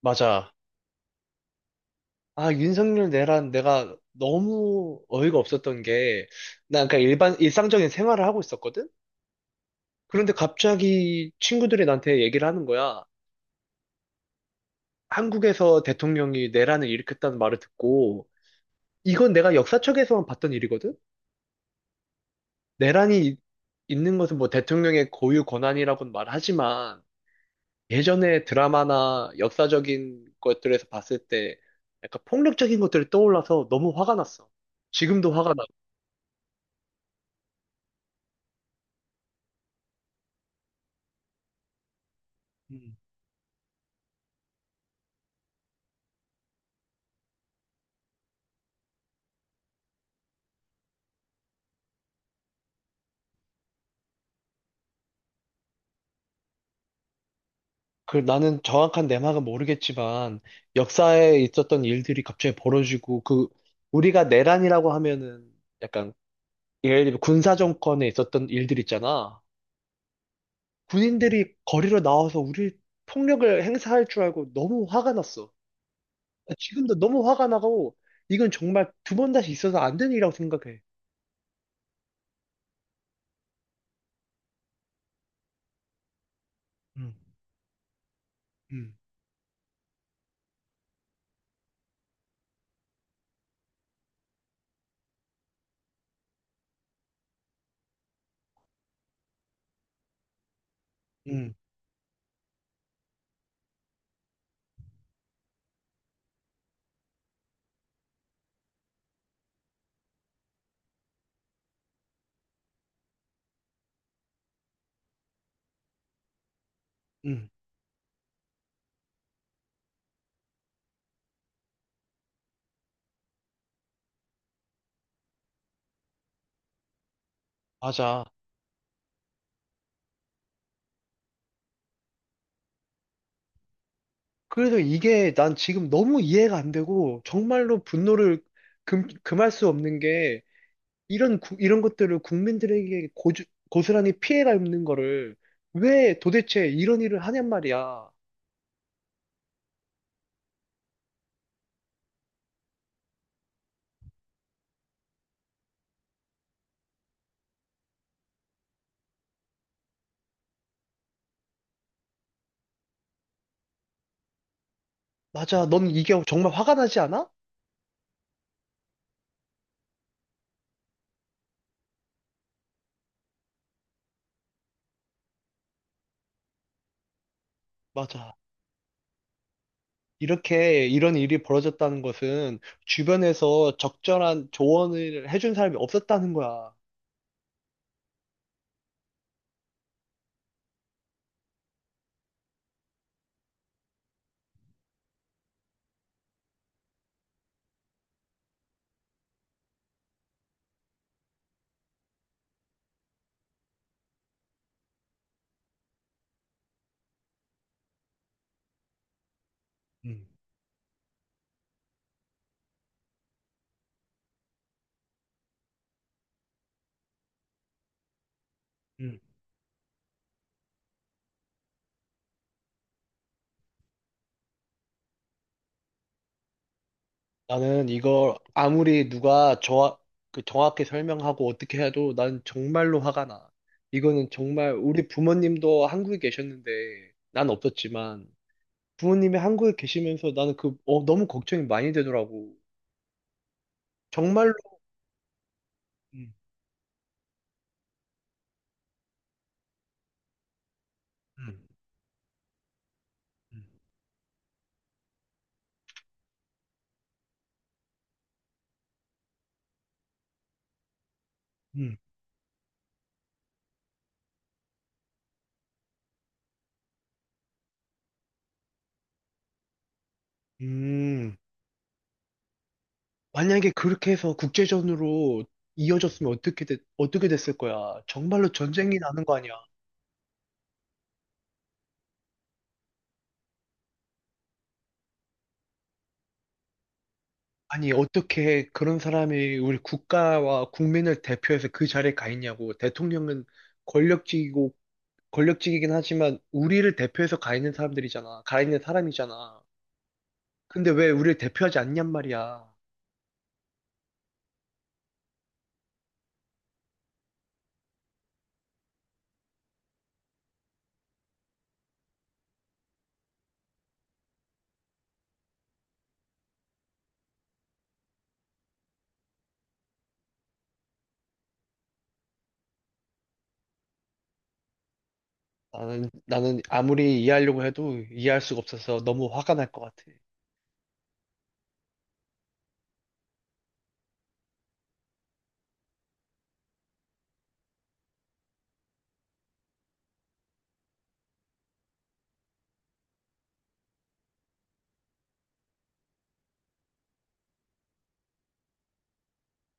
맞아. 아, 윤석열 내란 내가 너무 어이가 없었던 게, 난 그냥 일상적인 생활을 하고 있었거든? 그런데 갑자기 친구들이 나한테 얘기를 하는 거야. 한국에서 대통령이 내란을 일으켰다는 말을 듣고, 이건 내가 역사책에서만 봤던 일이거든? 내란이 있는 것은 뭐 대통령의 고유 권한이라고는 말하지만, 예전에 드라마나 역사적인 것들에서 봤을 때, 약간 폭력적인 것들이 떠올라서 너무 화가 났어. 지금도 화가 나. 그 나는 정확한 내막은 모르겠지만 역사에 있었던 일들이 갑자기 벌어지고 그 우리가 내란이라고 하면은 약간 예를 들면 군사 정권에 있었던 일들 있잖아. 군인들이 거리로 나와서 우리 폭력을 행사할 줄 알고 너무 화가 났어. 아, 지금도 너무 화가 나고 이건 정말 두 번 다시 있어서 안 되는 일이라고 생각해. 음, 음, 음, 음, 맞아. 그래서 이게 난 지금 너무 이해가 안 되고 정말로 분노를 금할 수 없는 게 이런 것들을 국민들에게 고스란히 피해가 있는 거를 왜 도대체 이런 일을 하냔 말이야. 맞아. 넌 이게 정말 화가 나지 않아? 맞아. 이렇게 이런 일이 벌어졌다는 것은 주변에서 적절한 조언을 해준 사람이 없었다는 거야. 음, 음. 나는 이걸 아무리 누가 저, 그 정확히 설명하고 어떻게 해도 난 정말로 화가 나. 이거는 정말 우리 부모님도 한국에 계셨는데 난 없었지만 부모님이 한국에 계시면서 나는 너무 걱정이 많이 되더라고. 정말로. 음. 음. 음. 음. 음. 만약에 그렇게 해서 국제전으로 이어졌으면 어떻게 됐을 거야? 정말로 전쟁이 나는 거 아니야? 아니, 어떻게 그런 사람이 우리 국가와 국민을 대표해서 그 자리에 가 있냐고. 대통령은 권력직이고, 권력직이긴 하지만, 우리를 대표해서 가 있는 사람들이잖아. 가 있는 사람이잖아. 근데 왜 우리를 대표하지 않냔 말이야. 나는 아무리 이해하려고 해도 이해할 수가 없어서 너무 화가 날 것 같아.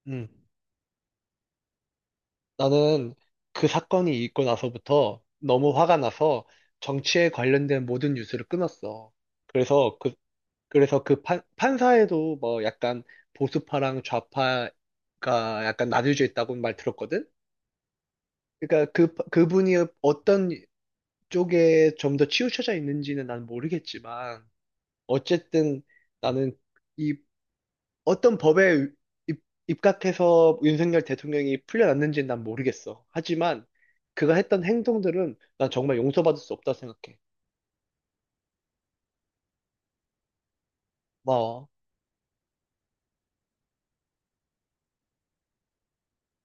음. 나는 그 사건이 있고 나서부터 너무 화가 나서 정치에 관련된 모든 뉴스를 끊었어. 그래서 그래서 그 판사에도 뭐 약간 보수파랑 좌파가 약간 나뉘어져 있다고 말 들었거든? 그러니까 그분이 어떤 쪽에 좀 더 치우쳐져 있는지는 난 모르겠지만, 어쨌든 나는 이 어떤 법에 입, 입각해서 윤석열 대통령이 풀려났는지는 난 모르겠어. 하지만 그가 했던 행동들은 난 정말 용서받을 수 없다 생각해. 고마워.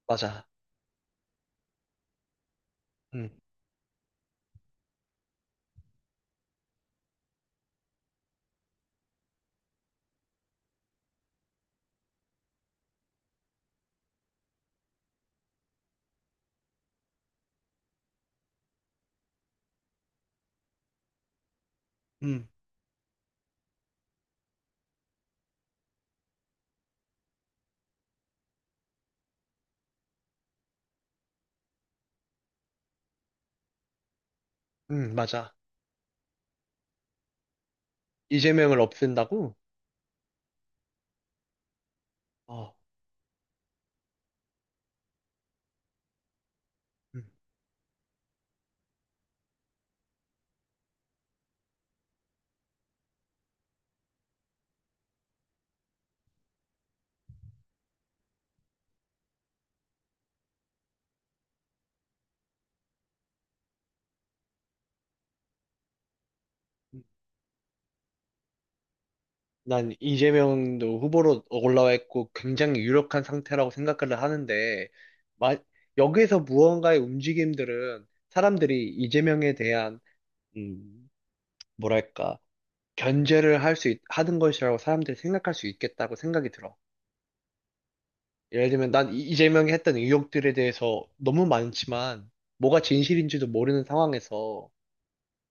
맞아. 응, 응, 응, 맞아. 이재명을 없앤다고? 어. 음, 음. 난 이재명도 후보로 올라와 있고 굉장히 유력한 상태라고 생각을 하는데, 마, 여기에서 무언가의 움직임들은 사람들이 이재명에 대한, 음, 뭐랄까, 견제를 하는 것이라고 사람들이 생각할 수 있겠다고 생각이 들어. 예를 들면 난 이재명이 했던 의혹들에 대해서 너무 많지만 뭐가 진실인지도 모르는 상황에서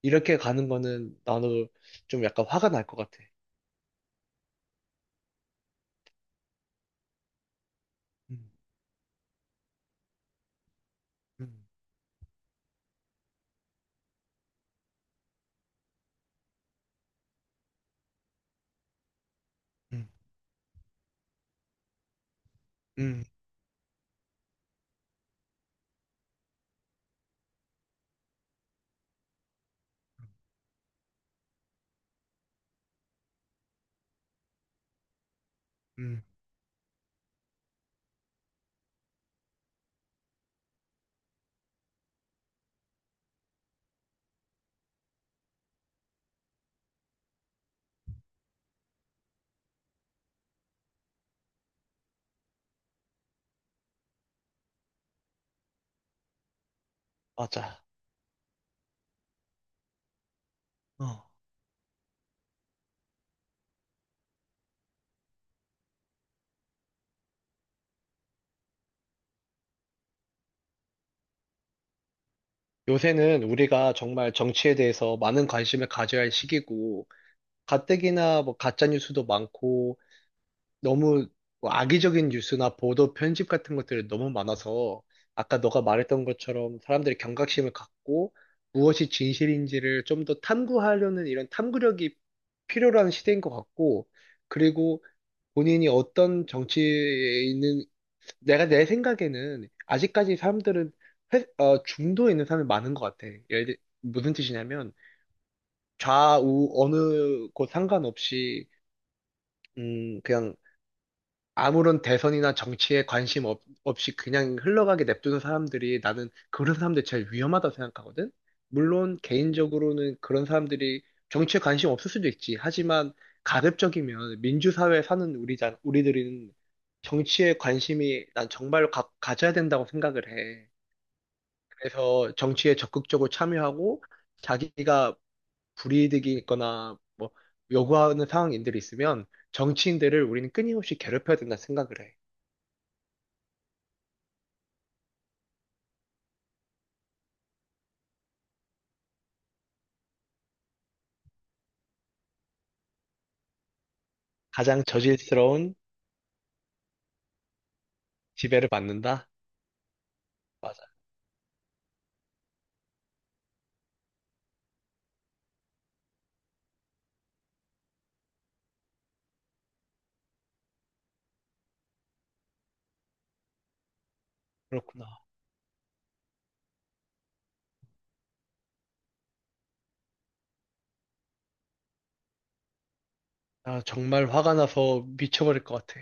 이렇게 가는 거는 나도 좀 약간 화가 날 것 같아. 음, 음, 음, 음, 음, 맞아. 어, 요새는 우리가 정말 정치에 대해서 많은 관심을 가져야 할 시기고 가뜩이나 뭐 가짜 뉴스도 많고 너무 뭐 악의적인 뉴스나 보도 편집 같은 것들이 너무 많아서 아까 너가 말했던 것처럼 사람들이 경각심을 갖고 무엇이 진실인지를 좀 더 탐구하려는 이런 탐구력이 필요한 시대인 것 같고 그리고 본인이 어떤 정치에 있는 내가 내 생각에는 아직까지 사람들은 중도에 있는 사람이 많은 것 같아. 무슨 뜻이냐면 좌우 어느 곳 상관없이 그냥 아무런 대선이나 정치에 관심 없이 그냥 흘러가게 냅두는 사람들이 나는 그런 사람들 제일 위험하다고 생각하거든? 물론 개인적으로는 그런 사람들이 정치에 관심 없을 수도 있지. 하지만 가급적이면 민주사회에 사는 우리들은 정치에 관심이 난 정말로 가져야 된다고 생각을 해. 그래서 정치에 적극적으로 참여하고 자기가 불이익이 있거나 뭐 요구하는 상황인들이 있으면 정치인들을 우리는 끊임없이 괴롭혀야 된다 생각을 해. 가장 저질스러운 지배를 받는다? 맞아. 그렇구나. 아, 정말 화가 나서 미쳐버릴 것 같아.